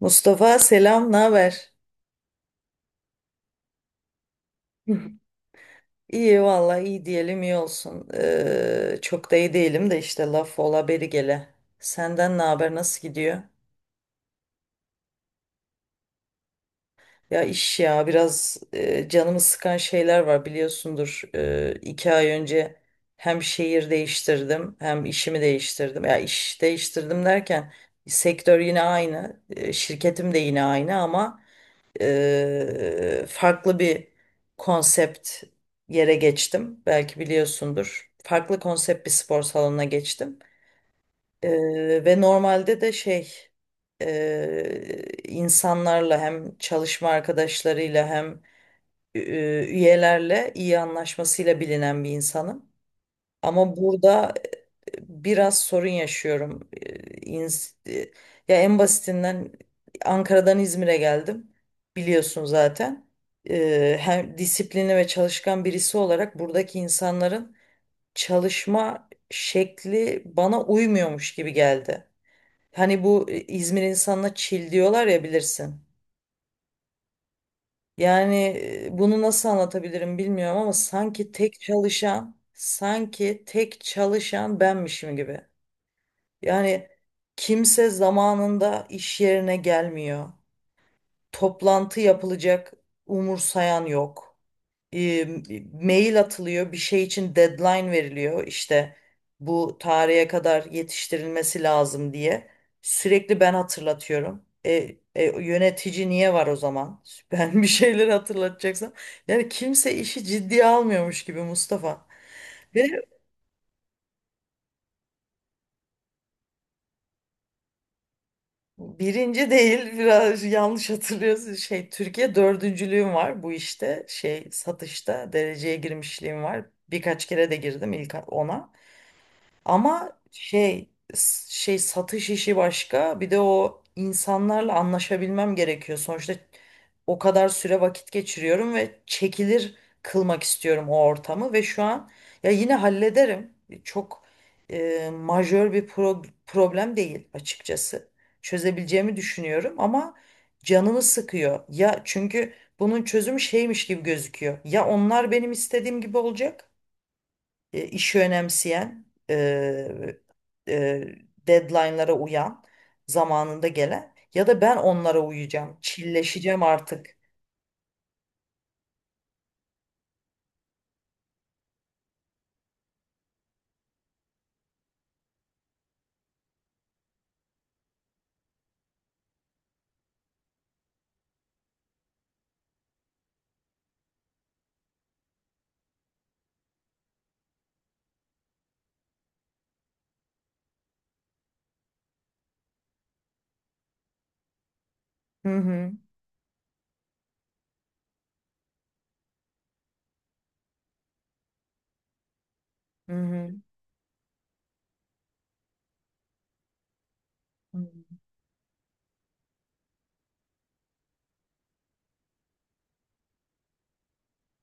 Mustafa, selam, ne haber? İyi valla, iyi diyelim, iyi olsun. Çok da iyi değilim de işte, laf ola beri gele. Senden ne haber, nasıl gidiyor? Ya iş ya biraz canımı sıkan şeyler var, biliyorsundur. 2 ay önce hem şehir değiştirdim hem işimi değiştirdim. Ya iş değiştirdim derken sektör yine aynı, şirketim de yine aynı ama farklı bir konsept yere geçtim. Belki biliyorsundur. Farklı konsept bir spor salonuna geçtim. Ve normalde de insanlarla, hem çalışma arkadaşlarıyla hem e, üyelerle iyi anlaşmasıyla bilinen bir insanım. Ama burada biraz sorun yaşıyorum. İns- e, Ya en basitinden Ankara'dan İzmir'e geldim. Biliyorsun zaten. Hem disiplinli ve çalışkan birisi olarak buradaki insanların çalışma şekli bana uymuyormuş gibi geldi. Hani bu İzmir insanına çil diyorlar ya, bilirsin. Yani bunu nasıl anlatabilirim bilmiyorum ama sanki tek çalışan benmişim gibi. Yani kimse zamanında iş yerine gelmiyor. Toplantı yapılacak, umursayan yok. E, Mail atılıyor, bir şey için deadline veriliyor. İşte bu tarihe kadar yetiştirilmesi lazım diye. Sürekli ben hatırlatıyorum. Yönetici niye var o zaman? Ben bir şeyleri hatırlatacaksam. Yani kimse işi ciddiye almıyormuş gibi, Mustafa. Ve birinci değil, biraz yanlış hatırlıyorsun, Türkiye dördüncülüğüm var, bu işte, satışta dereceye girmişliğim var, birkaç kere de girdim ilk ona, ama satış işi başka, bir de o insanlarla anlaşabilmem gerekiyor. Sonuçta o kadar süre vakit geçiriyorum ve çekilir kılmak istiyorum o ortamı, ve şu an ya yine hallederim. Çok majör bir problem değil açıkçası. Çözebileceğimi düşünüyorum ama canımı sıkıyor. Ya çünkü bunun çözümü şeymiş gibi gözüküyor. Ya onlar benim istediğim gibi olacak, işi önemseyen, e, deadline'lara uyan, zamanında gelen, ya da ben onlara uyacağım, çilleşeceğim artık. Hı hı, hı hı. Hı.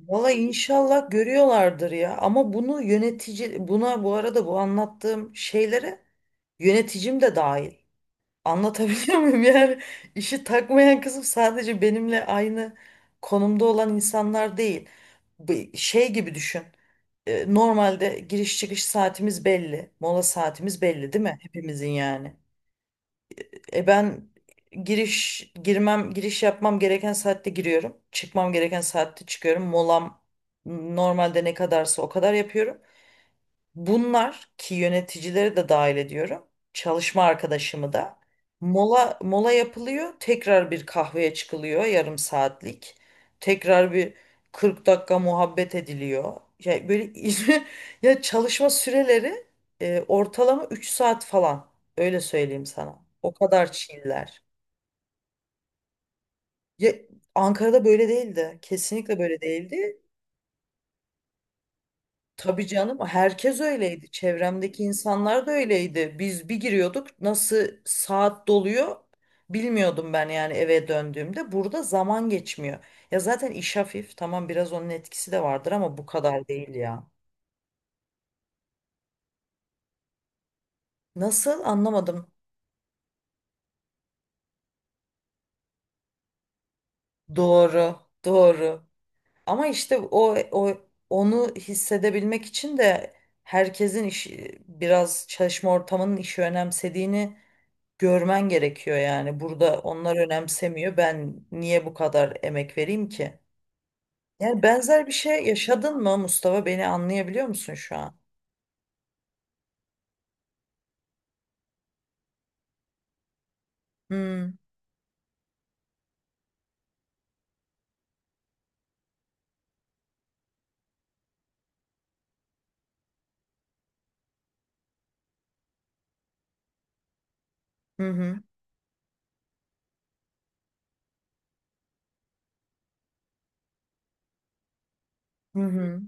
Valla inşallah görüyorlardır ya, ama bunu yönetici, buna, bu arada, bu anlattığım şeylere yöneticim de dahil. Anlatabiliyor muyum? Yani işi takmayan kızım sadece benimle aynı konumda olan insanlar değil. Bir şey gibi düşün. Normalde giriş çıkış saatimiz belli. Mola saatimiz belli, değil mi? Hepimizin yani. Ben giriş yapmam gereken saatte giriyorum. Çıkmam gereken saatte çıkıyorum. Molam normalde ne kadarsa o kadar yapıyorum. Bunlar ki yöneticileri de dahil ediyorum. Çalışma arkadaşımı da. Mola mola yapılıyor. Tekrar bir kahveye çıkılıyor, yarım saatlik. Tekrar bir 40 dakika muhabbet ediliyor. Ya böyle ya çalışma süreleri ortalama 3 saat falan. Öyle söyleyeyim sana. O kadar çiller. Ya Ankara'da böyle değildi. Kesinlikle böyle değildi. Tabii canım, herkes öyleydi. Çevremdeki insanlar da öyleydi. Biz bir giriyorduk, nasıl saat doluyor bilmiyordum ben yani eve döndüğümde. Burada zaman geçmiyor. Ya zaten iş hafif, tamam, biraz onun etkisi de vardır ama bu kadar değil ya. Nasıl, anlamadım. Doğru, doğru. Ama işte o, o onu hissedebilmek için de herkesin işi, biraz çalışma ortamının işi önemsediğini görmen gerekiyor yani. Burada onlar önemsemiyor. Ben niye bu kadar emek vereyim ki? Yani benzer bir şey yaşadın mı Mustafa? Beni anlayabiliyor musun şu an? Hmm. Hı hı. Hı hı.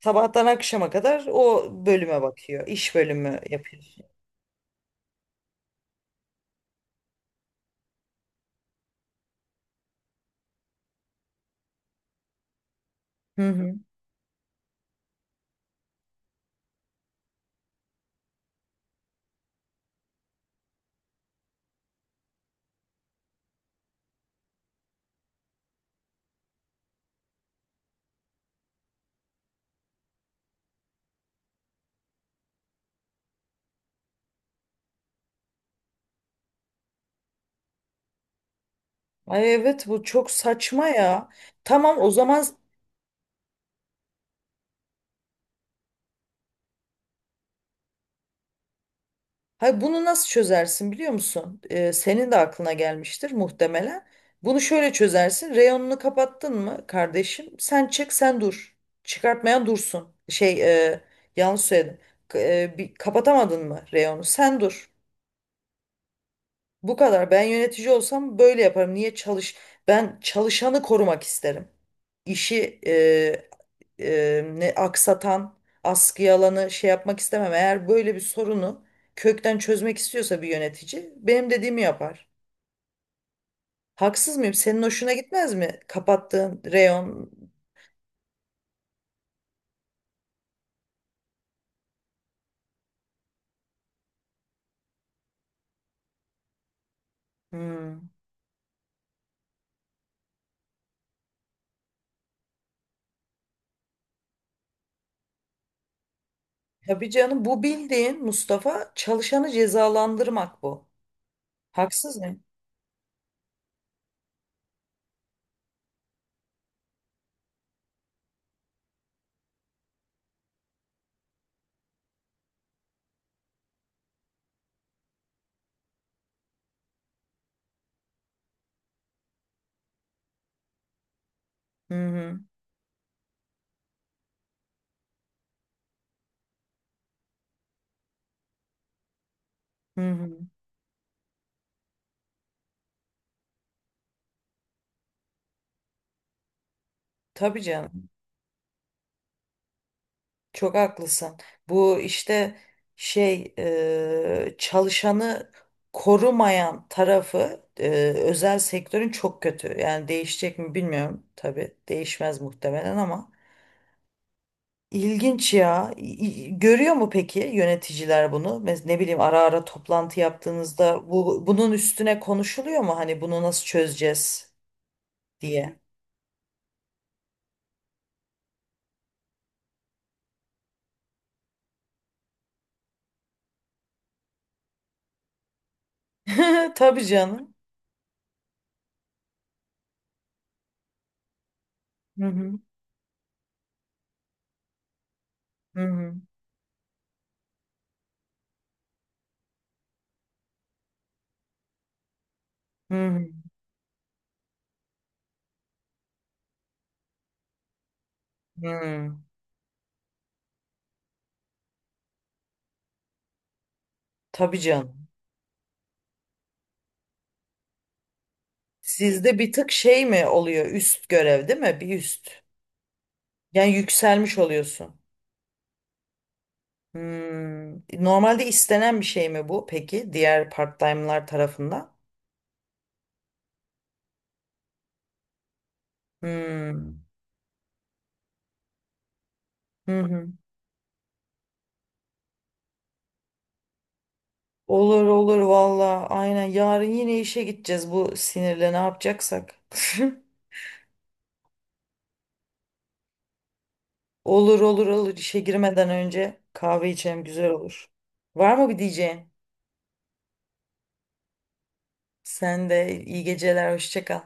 Sabahtan akşama kadar o bölüme bakıyor. İş bölümü yapıyorsun. Hı hı. Ay evet, bu çok saçma ya. Tamam, o zaman. Hayır, bunu nasıl çözersin biliyor musun? Senin de aklına gelmiştir muhtemelen. Bunu şöyle çözersin. Reyonunu kapattın mı kardeşim? Sen çık, sen dur. Çıkartmayan dursun. Yanlış söyledim. Bir, kapatamadın mı reyonu? Sen dur. Bu kadar. Ben yönetici olsam böyle yaparım. Niye çalış? Ben çalışanı korumak isterim. İşi ne aksatan, askıya alanı şey yapmak istemem. Eğer böyle bir sorunu kökten çözmek istiyorsa bir yönetici benim dediğimi yapar. Haksız mıyım? Senin hoşuna gitmez mi? Kapattığın reyon. Hmm. Tabii canım, bu bildiğin, Mustafa, çalışanı cezalandırmak bu. Haksız mıyım? Hı hı. Hı hı. Tabii canım. Çok haklısın. Bu işte çalışanı korumayan tarafı, özel sektörün, çok kötü. Yani değişecek mi bilmiyorum. Tabii değişmez muhtemelen ama ilginç ya. Görüyor mu peki yöneticiler bunu? Ne bileyim, ara ara toplantı yaptığınızda bunun üstüne konuşuluyor mu? Hani bunu nasıl çözeceğiz diye. Tabii canım. Hı hı. Hı hı. Hı hı. Hı. Tabii canım. Sizde bir tık şey mi oluyor? Üst görev değil mi? Bir üst. Yani yükselmiş oluyorsun. Hmm. Normalde istenen bir şey mi bu peki? Diğer part-time'lar tarafından. Hmm. Hı hı. Olur olur valla. Aynen yarın yine işe gideceğiz bu sinirle, ne yapacaksak. Olur olur olur, işe girmeden önce kahve içelim, güzel olur. Var mı bir diyeceğin? Sen de iyi geceler, hoşça kal.